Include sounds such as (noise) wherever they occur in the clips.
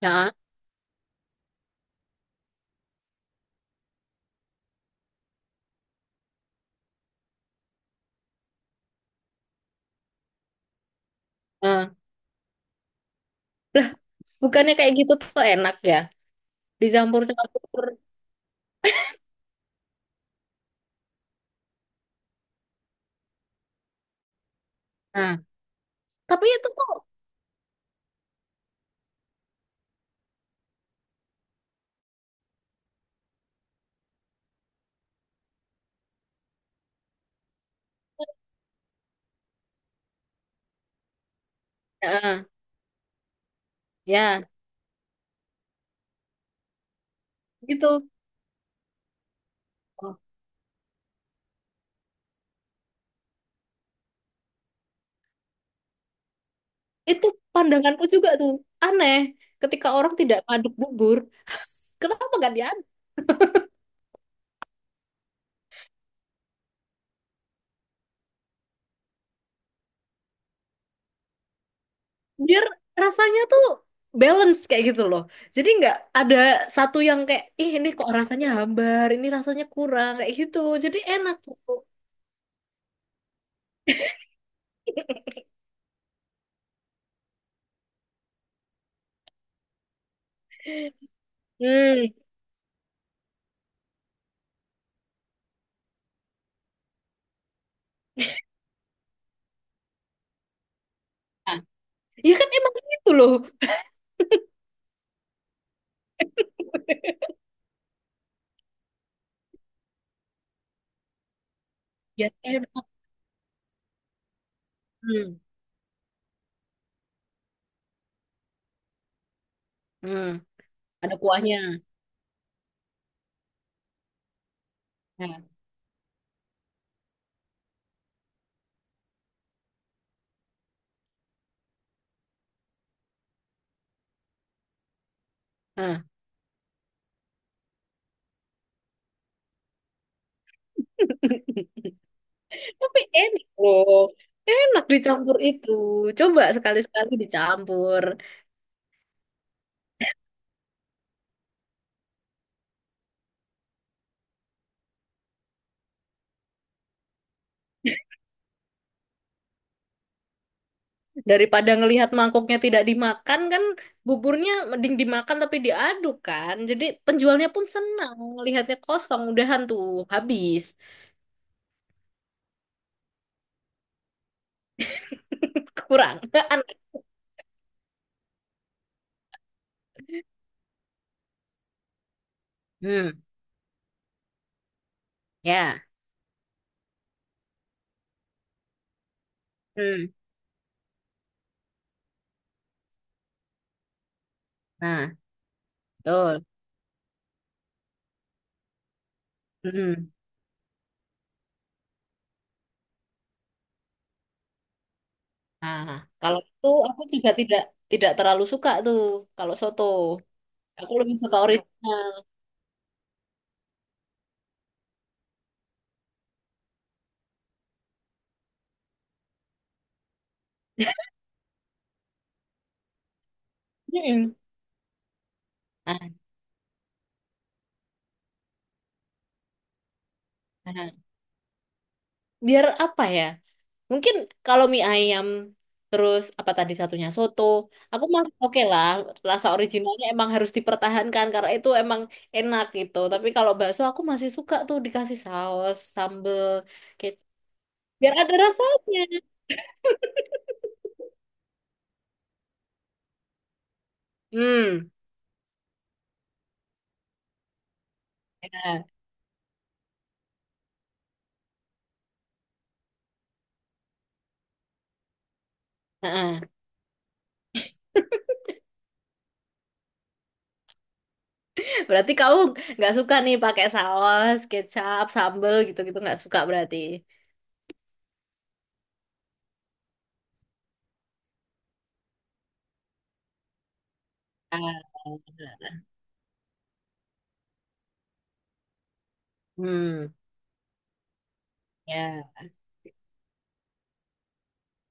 Nah, eh. Lah, bukannya kayak gitu tuh enak ya? Dicampur-campur. Nah, tapi itu eh, ya gitu. Oh, itu pandanganku juga tuh aneh ketika orang tidak ngaduk bubur. Kenapa gak diaduk? Biar rasanya tuh balance kayak gitu loh. Jadi nggak ada satu yang kayak ih ini kok rasanya hambar, ini rasanya kurang kayak gitu. Jadi enak tuh. (laughs) Hmm. Nah, ya kan emang gitu loh. (laughs) Ya enak. Hmm. Hmm. Ada kuahnya. Nah, nah. (laughs) Tapi enak loh. Enak dicampur itu. Coba sekali-sekali dicampur. Daripada ngelihat mangkoknya tidak dimakan kan buburnya mending dimakan tapi diaduk kan. Jadi penjualnya pun senang ngelihatnya kosong udahan tuh habis. (laughs) Kurang. (laughs) Hmm, ya. Hmm. Nah, betul. Hmm. Nah, kalau itu aku juga tidak tidak terlalu suka tuh kalau soto. Aku lebih suka original. Hmm. Ah, ah. Biar apa ya? Mungkin kalau mie ayam terus apa tadi satunya soto, aku masih oke lah. Rasa originalnya emang harus dipertahankan karena itu emang enak gitu. Tapi kalau bakso aku masih suka tuh dikasih saus, sambel, kecap. Biar ada rasanya. Hmm. Ya. Heeh. (laughs) Berarti kamu nggak suka nih pakai saus, kecap, sambel gitu-gitu nggak suka berarti. Ah, hmm. Ya.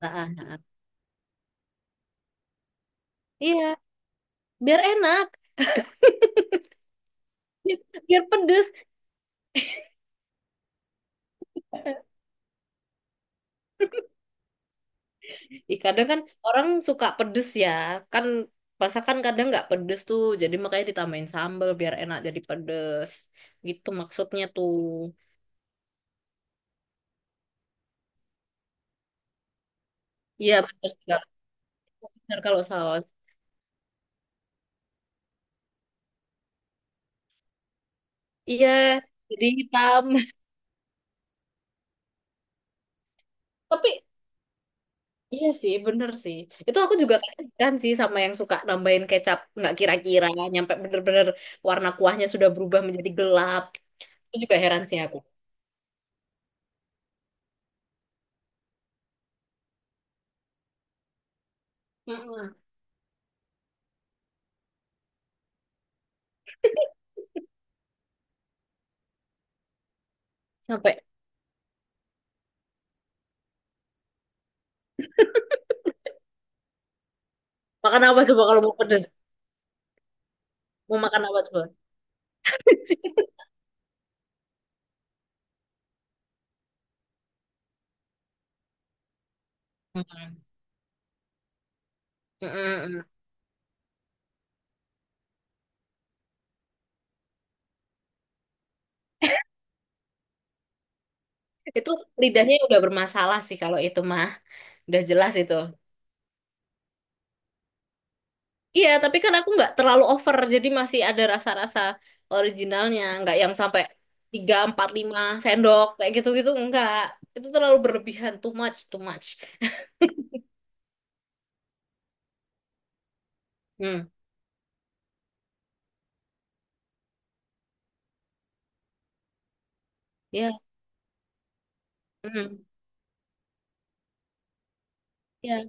Ah, ah, ah. Iya, biar enak. (laughs) Biar pedes. Ih, kadang kan orang suka pedes ya kan masakan kadang nggak pedes tuh jadi makanya ditambahin sambal biar enak jadi pedes gitu maksudnya tuh. Iya bener sih, kalau bener kalau saus. Iya, jadi hitam. (laughs) Tapi iya sih bener sih itu aku juga kan sih sama yang suka nambahin kecap nggak kira-kira nyampe bener-bener warna kuahnya sudah berubah menjadi gelap itu juga heran sih aku. Mm-mm. Sampai makan apa coba kalau mau pedes, mau makan apa coba. (laughs) Mm. Mm-mm. Itu lidahnya ya udah bermasalah sih kalau itu mah. Udah jelas itu. Iya, tapi kan aku nggak terlalu over. Jadi masih ada rasa-rasa originalnya. Nggak yang sampai 3 4 5 sendok. Kayak gitu-gitu. Nggak. Itu terlalu berlebihan. Too much, too much. Hmm. Ya. Hmm. Iya.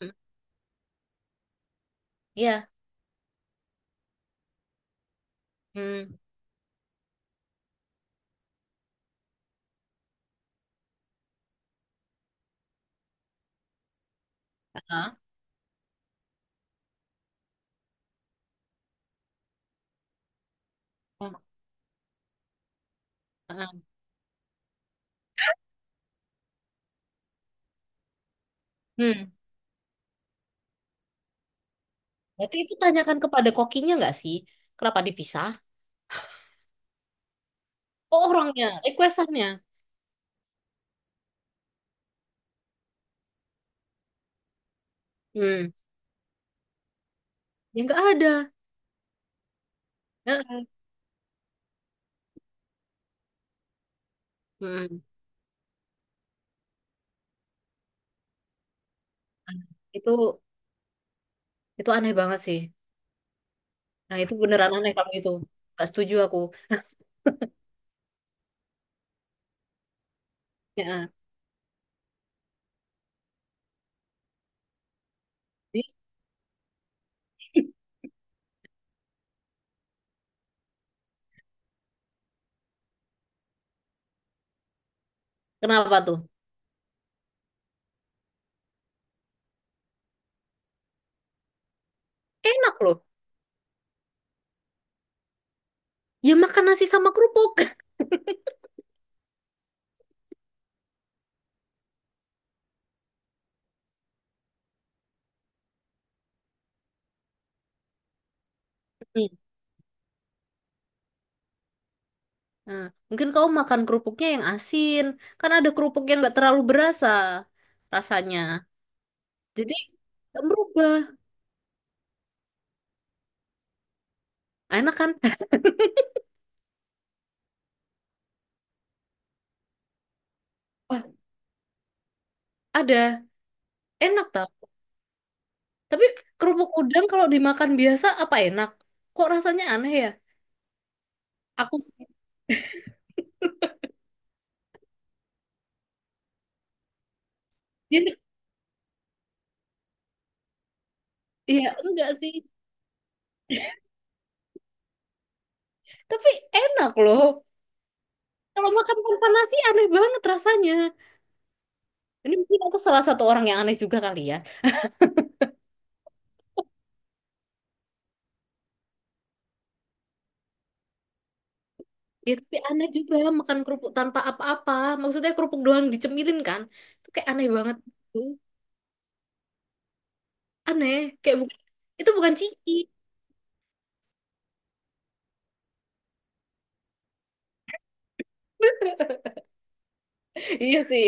Hmm. Iya. Hmm. Ah. Ah. Ah. Hmm. Berarti itu tanyakan kepada kokinya nggak sih? Kenapa dipisah? Oh, orangnya. Requestannya. Hmm. Ya nggak ada. Nah, mm-mm. Itu itu aneh banget sih. Nah, itu beneran aneh kalau itu. Gak setuju aku. Ya, eh. Ih, kenapa tuh? Enak loh. Ya makan nasi sama kerupuk. (laughs) Hmm. Nah, mungkin kau makan kerupuknya yang asin. Kan ada kerupuk yang gak terlalu berasa rasanya. Jadi gak berubah. Enak kan? (laughs) Wah, ada. Enak tau. Tapi kerupuk udang kalau dimakan biasa apa enak? Kok rasanya aneh ya? Aku sih. (laughs) Dia- Iya, enggak sih. Tapi enak loh. Kalau makan tanpa nasi aneh banget rasanya. Ini mungkin aku salah satu orang yang aneh juga kali ya. Ya tapi aneh juga makan kerupuk tanpa apa-apa. Maksudnya kerupuk doang dicemilin kan. Itu kayak aneh banget gitu. Aneh. Kayak bukan, itu bukan ciki. (laughs) Iya sih.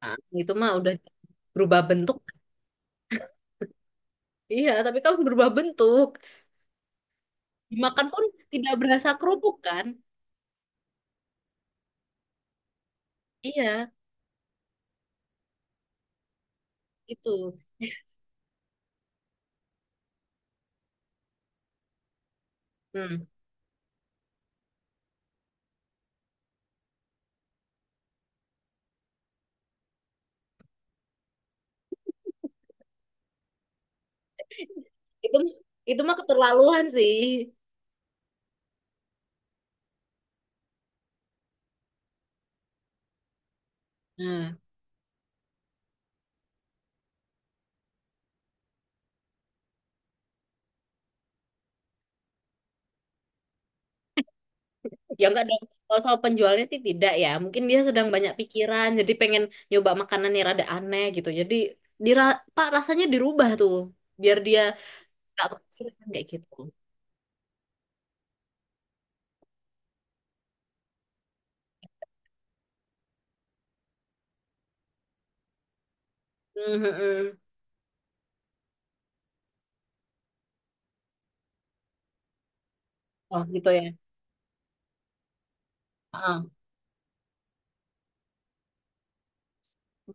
Nah, itu mah udah berubah bentuk. Iya, tapi kamu berubah bentuk. Dimakan pun tidak berasa kerupuk kan. Iya, itu. Hmm. Itu itu mah keterlaluan sih. Nah. Ya enggak dong. Kalau soal penjualnya sih tidak ya. Mungkin dia sedang banyak pikiran, jadi pengen nyoba makanan yang rada aneh gitu. Jadi dira Pak rasanya dirubah tuh, biar dia nggak kepikiran kayak gitu. Hmm, hmm, hmm. Oh gitu ya. Ah,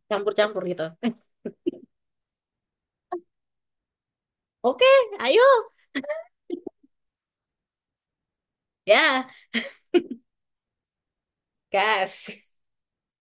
campur-campur gitu. (laughs) Oke, ayo ya, gas.